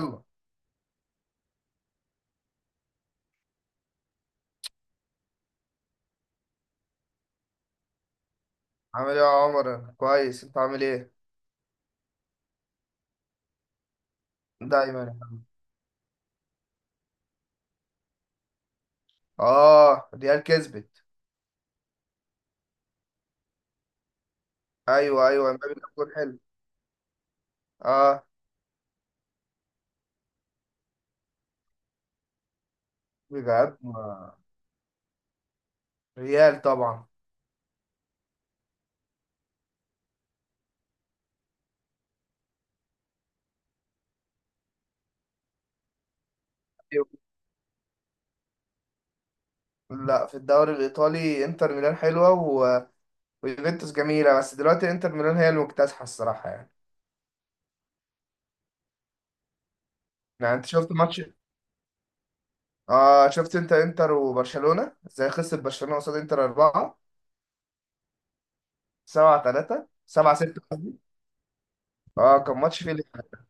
يلا. عامل ايه يا عمر؟ كويس، انت عامل ايه؟ دايما يا حبيبي. اه، ريال كسبت. ايوه، ايوه، امبابي كان جول حلو. اه، بجد ريال طبعا. أيوة. لا، في الدوري الايطالي انتر ميلان حلوه ويوفنتوس جميله، بس دلوقتي انتر ميلان هي المكتسحه الصراحه يعني. يعني انت شفت ماتش؟ اه، شفت انت انتر وبرشلونه ازاي خسر برشلونه قصاد انتر 4 7 3 7 6. اه، كان ماتش فيه لحمة.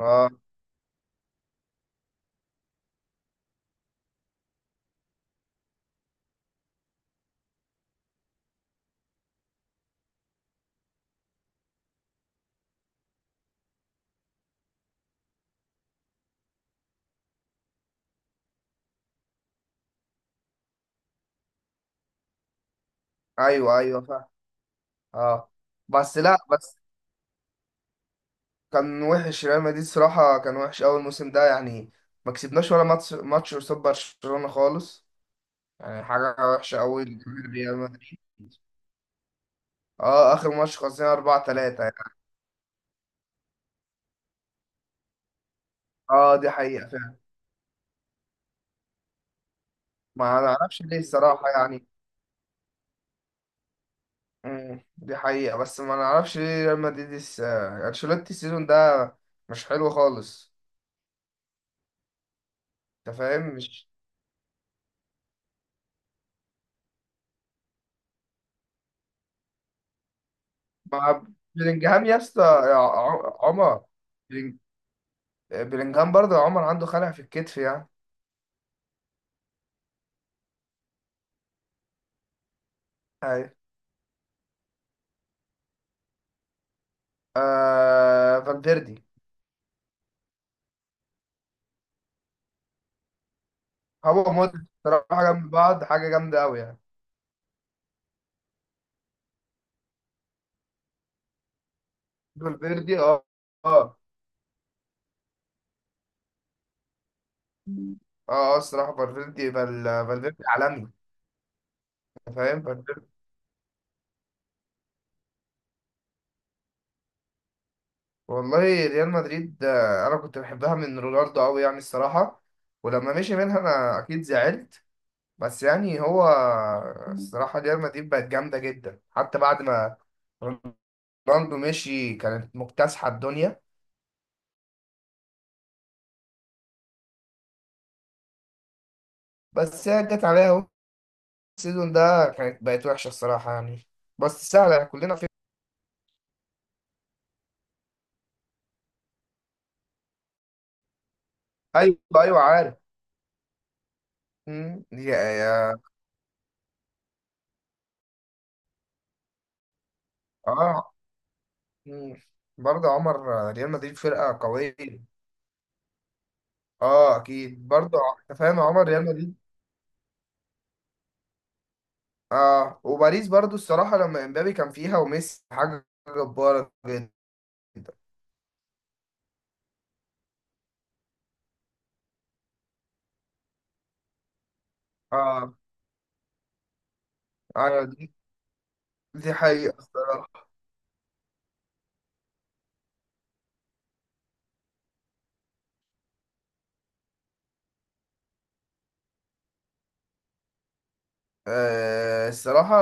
اه، ايوه، ايوه، فاهم. اه، بس لا بس كان وحش ريال مدريد، صراحة كان وحش أول موسم ده يعني. ما كسبناش ولا ماتش قصاد برشلونة خالص. يعني حاجة وحشة أوي، ريال مدريد. اه، آخر ماتش خسرنا 4-3 يعني. اه، دي حقيقة فعلا. ما نعرفش ليه الصراحة يعني. مم. دي حقيقة بس ما نعرفش ليه ريال مدريد أنشيلوتي السيزون ده مش حلو خالص. أنت فاهم مش؟ مع بلينجهام يا اسطى يا عمر. بلينج- بلينجهام برضه يا عمر عنده خلع في الكتف يعني. أيوه. فالفيردي. هو مودريتش صراحة جنب بعض حاجة جامدة أوي يعني. فالفيردي، اه، اه، اه، اه، الصراحة فالفيردي فالفيردي عالمي. فاهم، فالفيردي. والله، ريال مدريد، انا كنت بحبها من رونالدو قوي يعني الصراحة. ولما مشي منها انا اكيد زعلت. بس يعني هو، الصراحة ريال مدريد بقت جامدة جدا حتى بعد ما رونالدو مشي كانت مكتسحة الدنيا. بس هي جت عليها السيزون ده، كانت بقت وحشة الصراحة يعني. بس سهلة كلنا في. ايوه، ايوه، عارف. يا. اه. امم برضه عمر، ريال مدريد فرقة قوية. اه، اكيد برضه أنت فاهم عمر ريال مدريد. اه، وباريس برضه الصراحة لما امبابي كان فيها وميسي حاجة جبارة جدا. اه. ايوه دي، دي حقيقة الصراحة. أه الصراحة،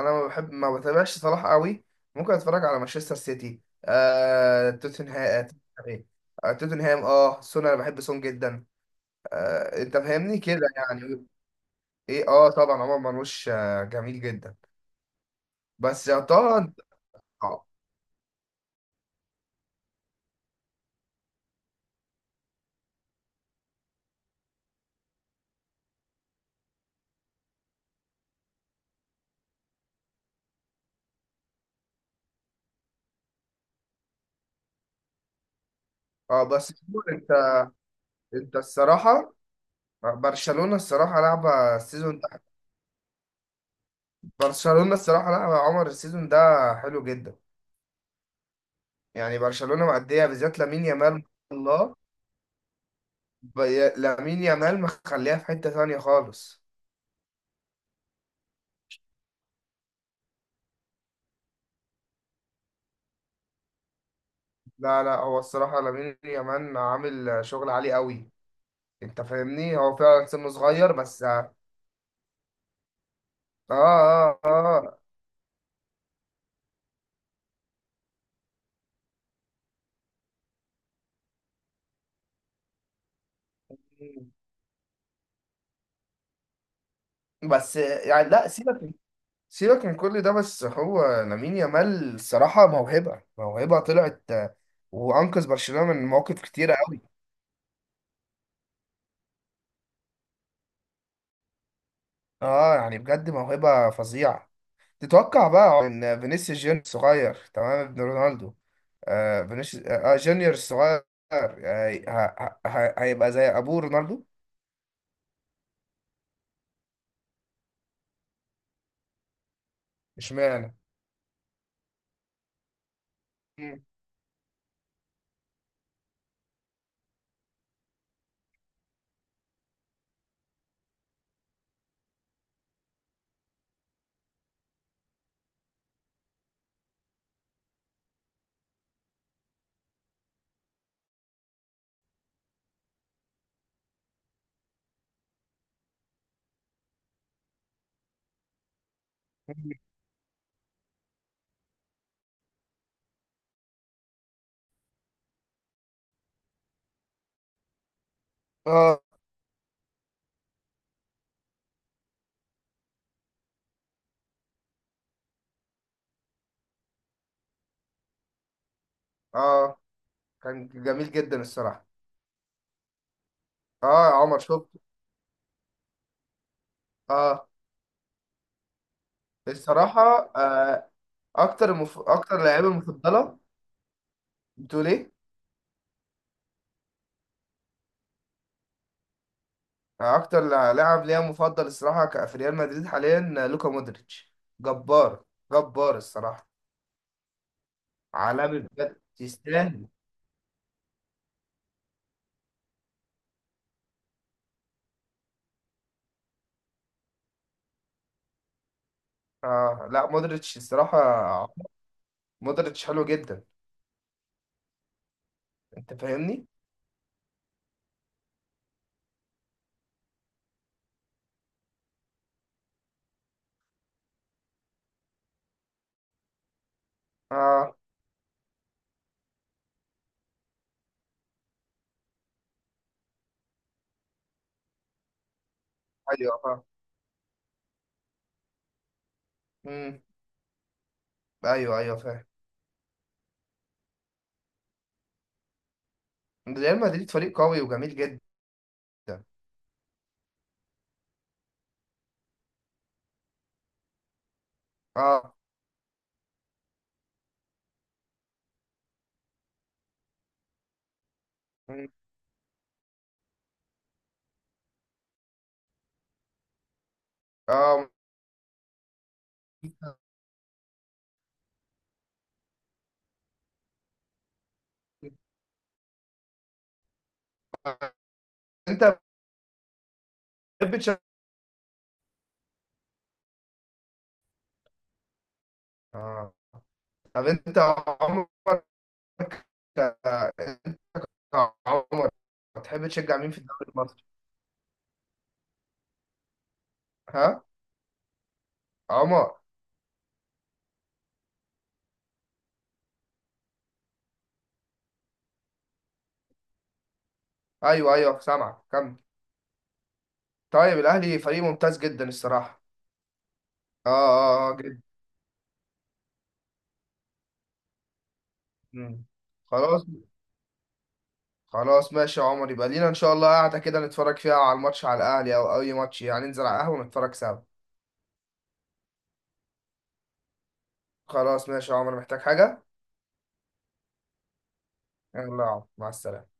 أنا ما بحب، ما بتابعش صلاح قوي. ممكن أتفرج على مانشستر سيتي، توتنهام. إيه؟ توتنهام، سون، أنا بحب سون جدا. أنت فاهمني كده يعني. إيه، طبعا عمر مرموش جميل جدا. بس يا طه أنت. أه. بس. أنت. أنت الصراحة، برشلونة الصراحة لعبة السيزون ده. برشلونة الصراحة لعبة يا عمر السيزون ده حلو جدا. يعني برشلونة مأدية، بالذات لامين يامال. الله. لامين يامال مخليها في حتة تانية خالص. لا، لا، هو الصراحة لامين يامال عامل شغل عالي قوي. انت فاهمني، هو فعلا سنه صغير بس اه. اه، اه، آه. بس يعني لا، سيبك. سيبك من كل ده، بس هو لامين يامال الصراحة موهبة، موهبة طلعت، وأنقذ برشلونة من مواقف كتيرة قوي. اه، يعني بجد موهبة فظيعة. تتوقع بقى ان فينيسيوس جونيور الصغير تمام ابن رونالدو؟ فينيسيوس جونيور الصغير هيبقى زي ابوه رونالدو؟ اشمعنى؟ مم. اه، اه، كان جميل جدا الصراحه. اه، عمر شفته. اه، الصراحه، آه، اكتر لعيبه مفضله. بتقول ايه؟ اكتر لاعب ليا مفضل الصراحه في ريال مدريد حاليا، لوكا مودريتش. جبار، جبار الصراحه. عالمي بجد، يستاهل. اه، لا، مودريتش الصراحة. مودريتش حلو جدا. انت فاهمني؟ اه، ايوه، اه، امم ايوه، ايوه، فاهم. ريال مدريد فريق قوي وجميل جدا. اه. مم. اه. انت بتحب تشجع اه، طب انت عمرك انت عمرك بتحب تشجع مين في الدوري المصري؟ ها؟ عمر. ايوه، ايوه، سامعك كمل. طيب الاهلي فريق ممتاز جدا الصراحة. اه، اه، اه جدا. مم. خلاص. خلاص ماشي يا عمر، يبقى لينا ان شاء الله قاعده كده نتفرج فيها على الماتش، على الاهلي او اي ماتش يعني، ننزل على القهوه ونتفرج سوا. خلاص ماشي يا عمر، محتاج حاجه؟ يلا يا عمر، مع السلامه.